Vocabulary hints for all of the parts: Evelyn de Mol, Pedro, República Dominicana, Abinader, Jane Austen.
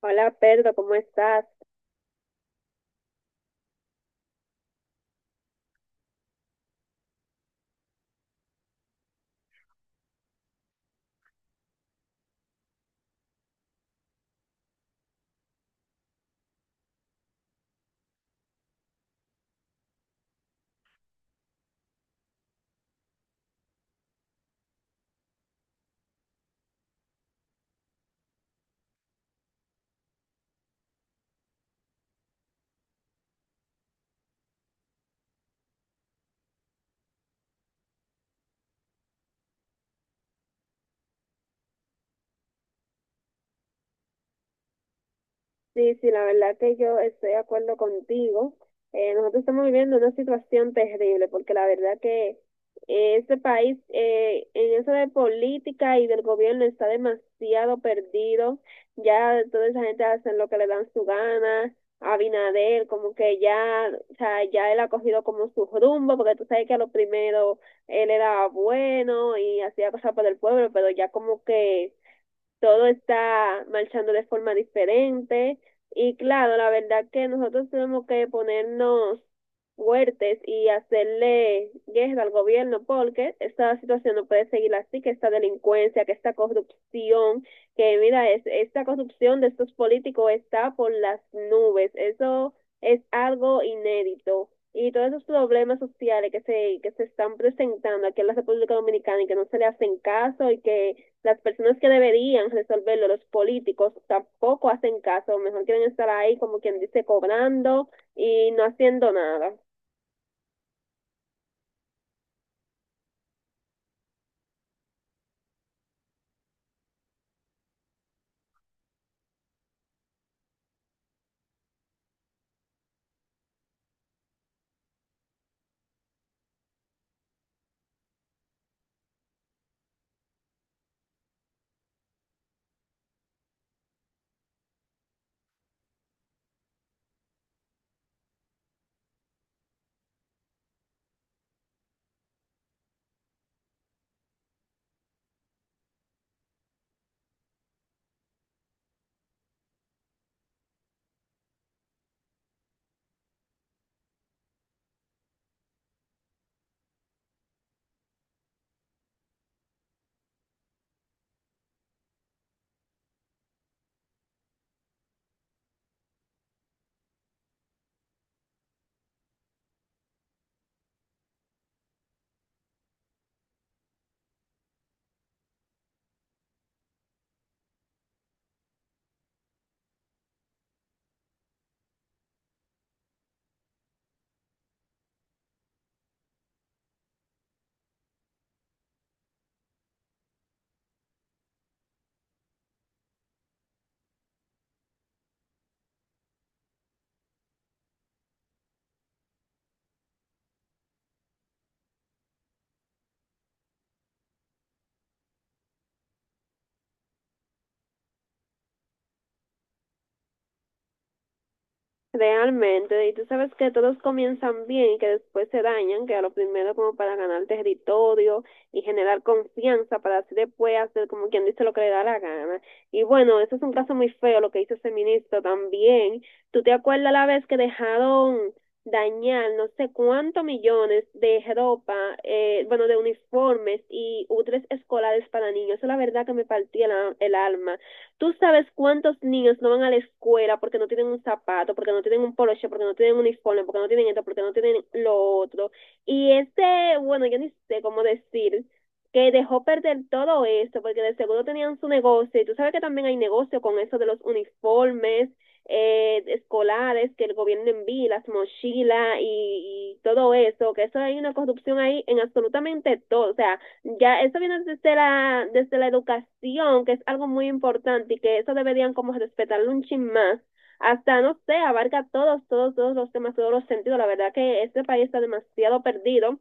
Hola, Pedro, ¿cómo estás? Sí, sí, la verdad que yo estoy de acuerdo contigo. Nosotros estamos viviendo una situación terrible porque la verdad que este país en eso de política y del gobierno está demasiado perdido. Ya toda esa gente hace lo que le dan su gana. Abinader, como que ya, o sea, ya él ha cogido como su rumbo porque tú sabes que a lo primero él era bueno y hacía cosas por el pueblo, pero ya como que todo está marchando de forma diferente y claro, la verdad que nosotros tenemos que ponernos fuertes y hacerle guerra al gobierno porque esta situación no puede seguir así, que esta delincuencia, que esta corrupción, que mira, es, esta corrupción de estos políticos está por las nubes, eso es algo inédito. Y todos esos problemas sociales que se están presentando aquí en la República Dominicana y que no se le hacen caso y que las personas que deberían resolverlo, los políticos, tampoco hacen caso, mejor quieren estar ahí como quien dice cobrando y no haciendo nada. Realmente, y tú sabes que todos comienzan bien y que después se dañan, que a lo primero como para ganar territorio y generar confianza para así después hacer como quien dice lo que le da la gana. Y bueno, eso es un caso muy feo lo que hizo ese ministro también. ¿Tú te acuerdas la vez que dejaron dañar no sé cuántos millones de ropa, bueno, de uniformes y útiles escolares para niños? Eso la verdad que me partía la- el alma. Tú sabes cuántos niños no van a la escuela porque no tienen un zapato, porque no tienen un poloche, porque no tienen un uniforme, porque no tienen esto, porque no tienen lo otro. Y este, bueno, yo ni sé cómo decir que dejó perder todo esto, porque de seguro tenían su negocio, y tú sabes que también hay negocio con eso de los uniformes escolares que el gobierno envía, las mochilas y todo eso, que eso hay una corrupción ahí en absolutamente todo, o sea, ya eso viene desde la educación, que es algo muy importante y que eso deberían como respetarlo un chin más. Hasta, no sé, abarca todos, todos, todos los temas, todos los sentidos. La verdad que este país está demasiado perdido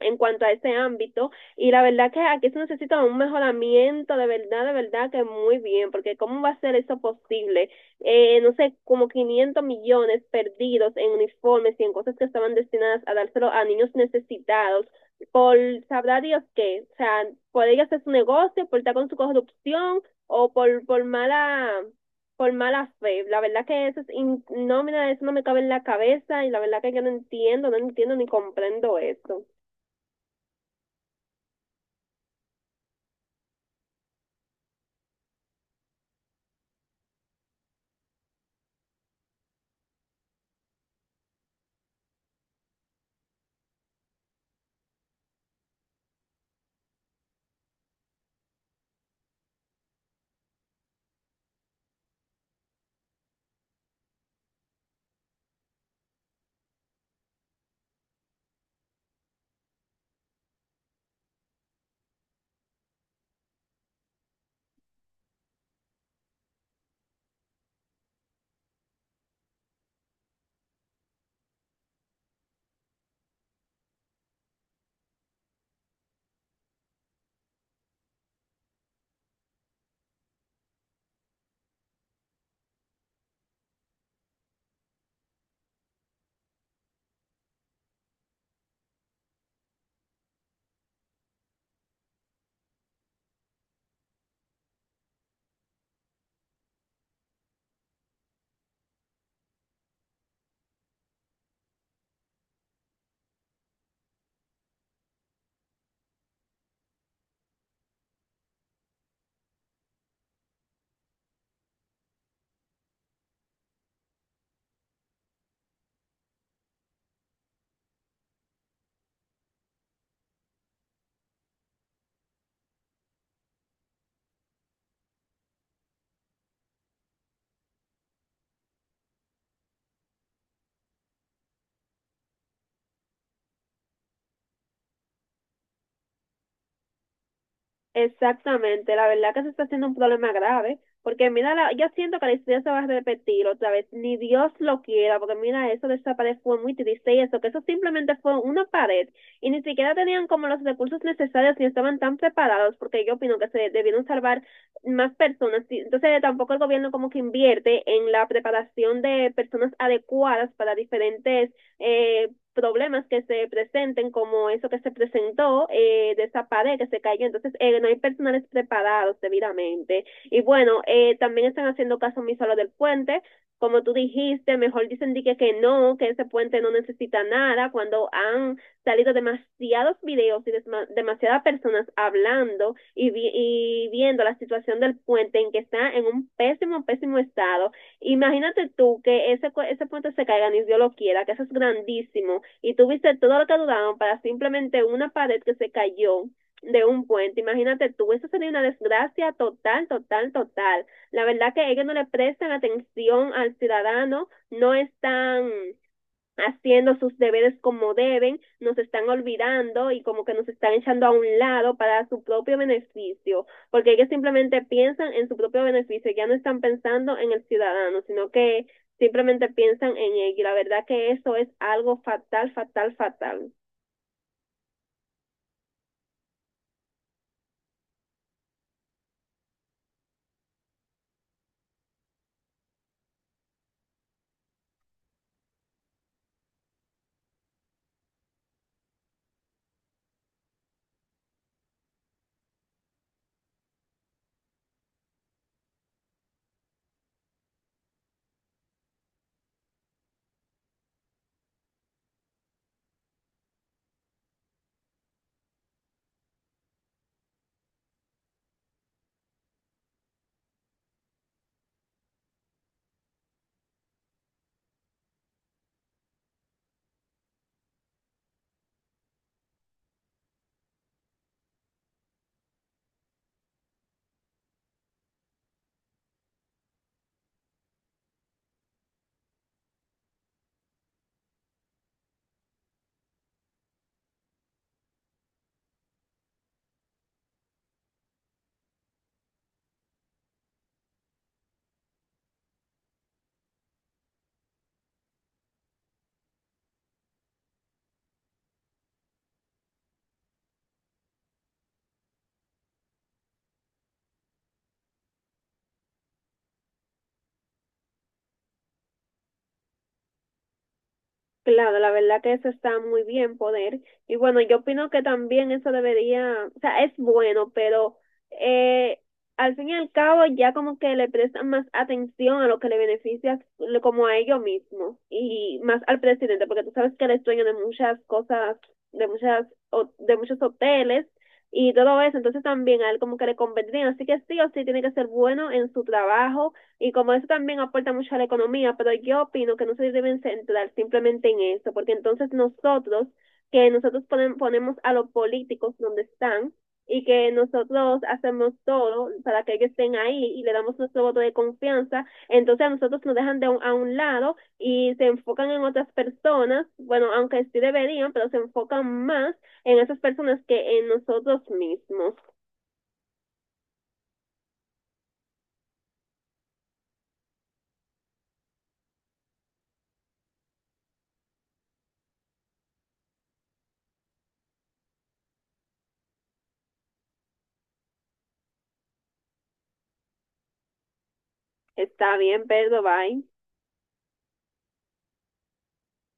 en cuanto a ese ámbito. Y la verdad que aquí se necesita un mejoramiento, de verdad que muy bien, porque ¿cómo va a ser eso posible? No sé, como 500 millones perdidos en uniformes y en cosas que estaban destinadas a dárselo a niños necesitados por sabrá Dios qué, o sea, por ella hacer su negocio, por estar con su corrupción o por mala fe. La verdad que eso es in, no, mira, eso no me cabe en la cabeza y la verdad que yo no entiendo, no entiendo ni comprendo eso. Exactamente, la verdad que se está haciendo un problema grave, porque mira, la- yo siento que la historia se va a repetir otra vez, ni Dios lo quiera, porque mira, eso de esa pared fue muy triste y eso, que eso simplemente fue una pared y ni siquiera tenían como los recursos necesarios ni estaban tan preparados, porque yo opino que se debieron salvar más personas, y entonces tampoco el gobierno como que invierte en la preparación de personas adecuadas para diferentes eh, problemas que se presenten, como eso que se presentó, de esa pared que se cayó. Entonces, no hay personales preparados debidamente. Y bueno, también están haciendo caso omiso a lo del puente. Como tú dijiste, mejor dicen que no, que ese puente no necesita nada, cuando han salido demasiados videos y demasiadas personas hablando y, vi y viendo la situación del puente en que está en un pésimo, pésimo estado. Imagínate tú que ese puente se caiga, ni Dios lo quiera, que eso es grandísimo, y tú viste todo lo que dudaron para simplemente una pared que se cayó de un puente. Imagínate tú, eso sería una desgracia total, total, total. La verdad que ellos no le prestan atención al ciudadano, no están haciendo sus deberes como deben, nos están olvidando y como que nos están echando a un lado para su propio beneficio, porque ellos simplemente piensan en su propio beneficio, ya no están pensando en el ciudadano, sino que simplemente piensan en ello. Y la verdad que eso es algo fatal, fatal, fatal. Claro, la verdad que eso está muy bien poder. Y bueno, yo opino que también eso debería, o sea, es bueno, pero eh, al fin y al cabo ya como que le prestan más atención a lo que le beneficia le- como a ellos mismos y más al presidente, porque tú sabes que él es dueño de muchas cosas, de muchas, ho- de muchos hoteles y todo eso, entonces también a él como que le convendría. Así que sí o sí tiene que ser bueno en su trabajo y como eso también aporta mucho a la economía, pero yo opino que no se deben centrar simplemente en eso, porque entonces nosotros, que nosotros ponen- ponemos a los políticos donde están y que nosotros hacemos todo para que ellos estén ahí y le damos nuestro voto de confianza, entonces a nosotros nos dejan de un- a un lado y se enfocan en otras personas, bueno, aunque sí deberían, pero se enfocan más en esas personas que en nosotros mismos. Está bien, Pedro, bye.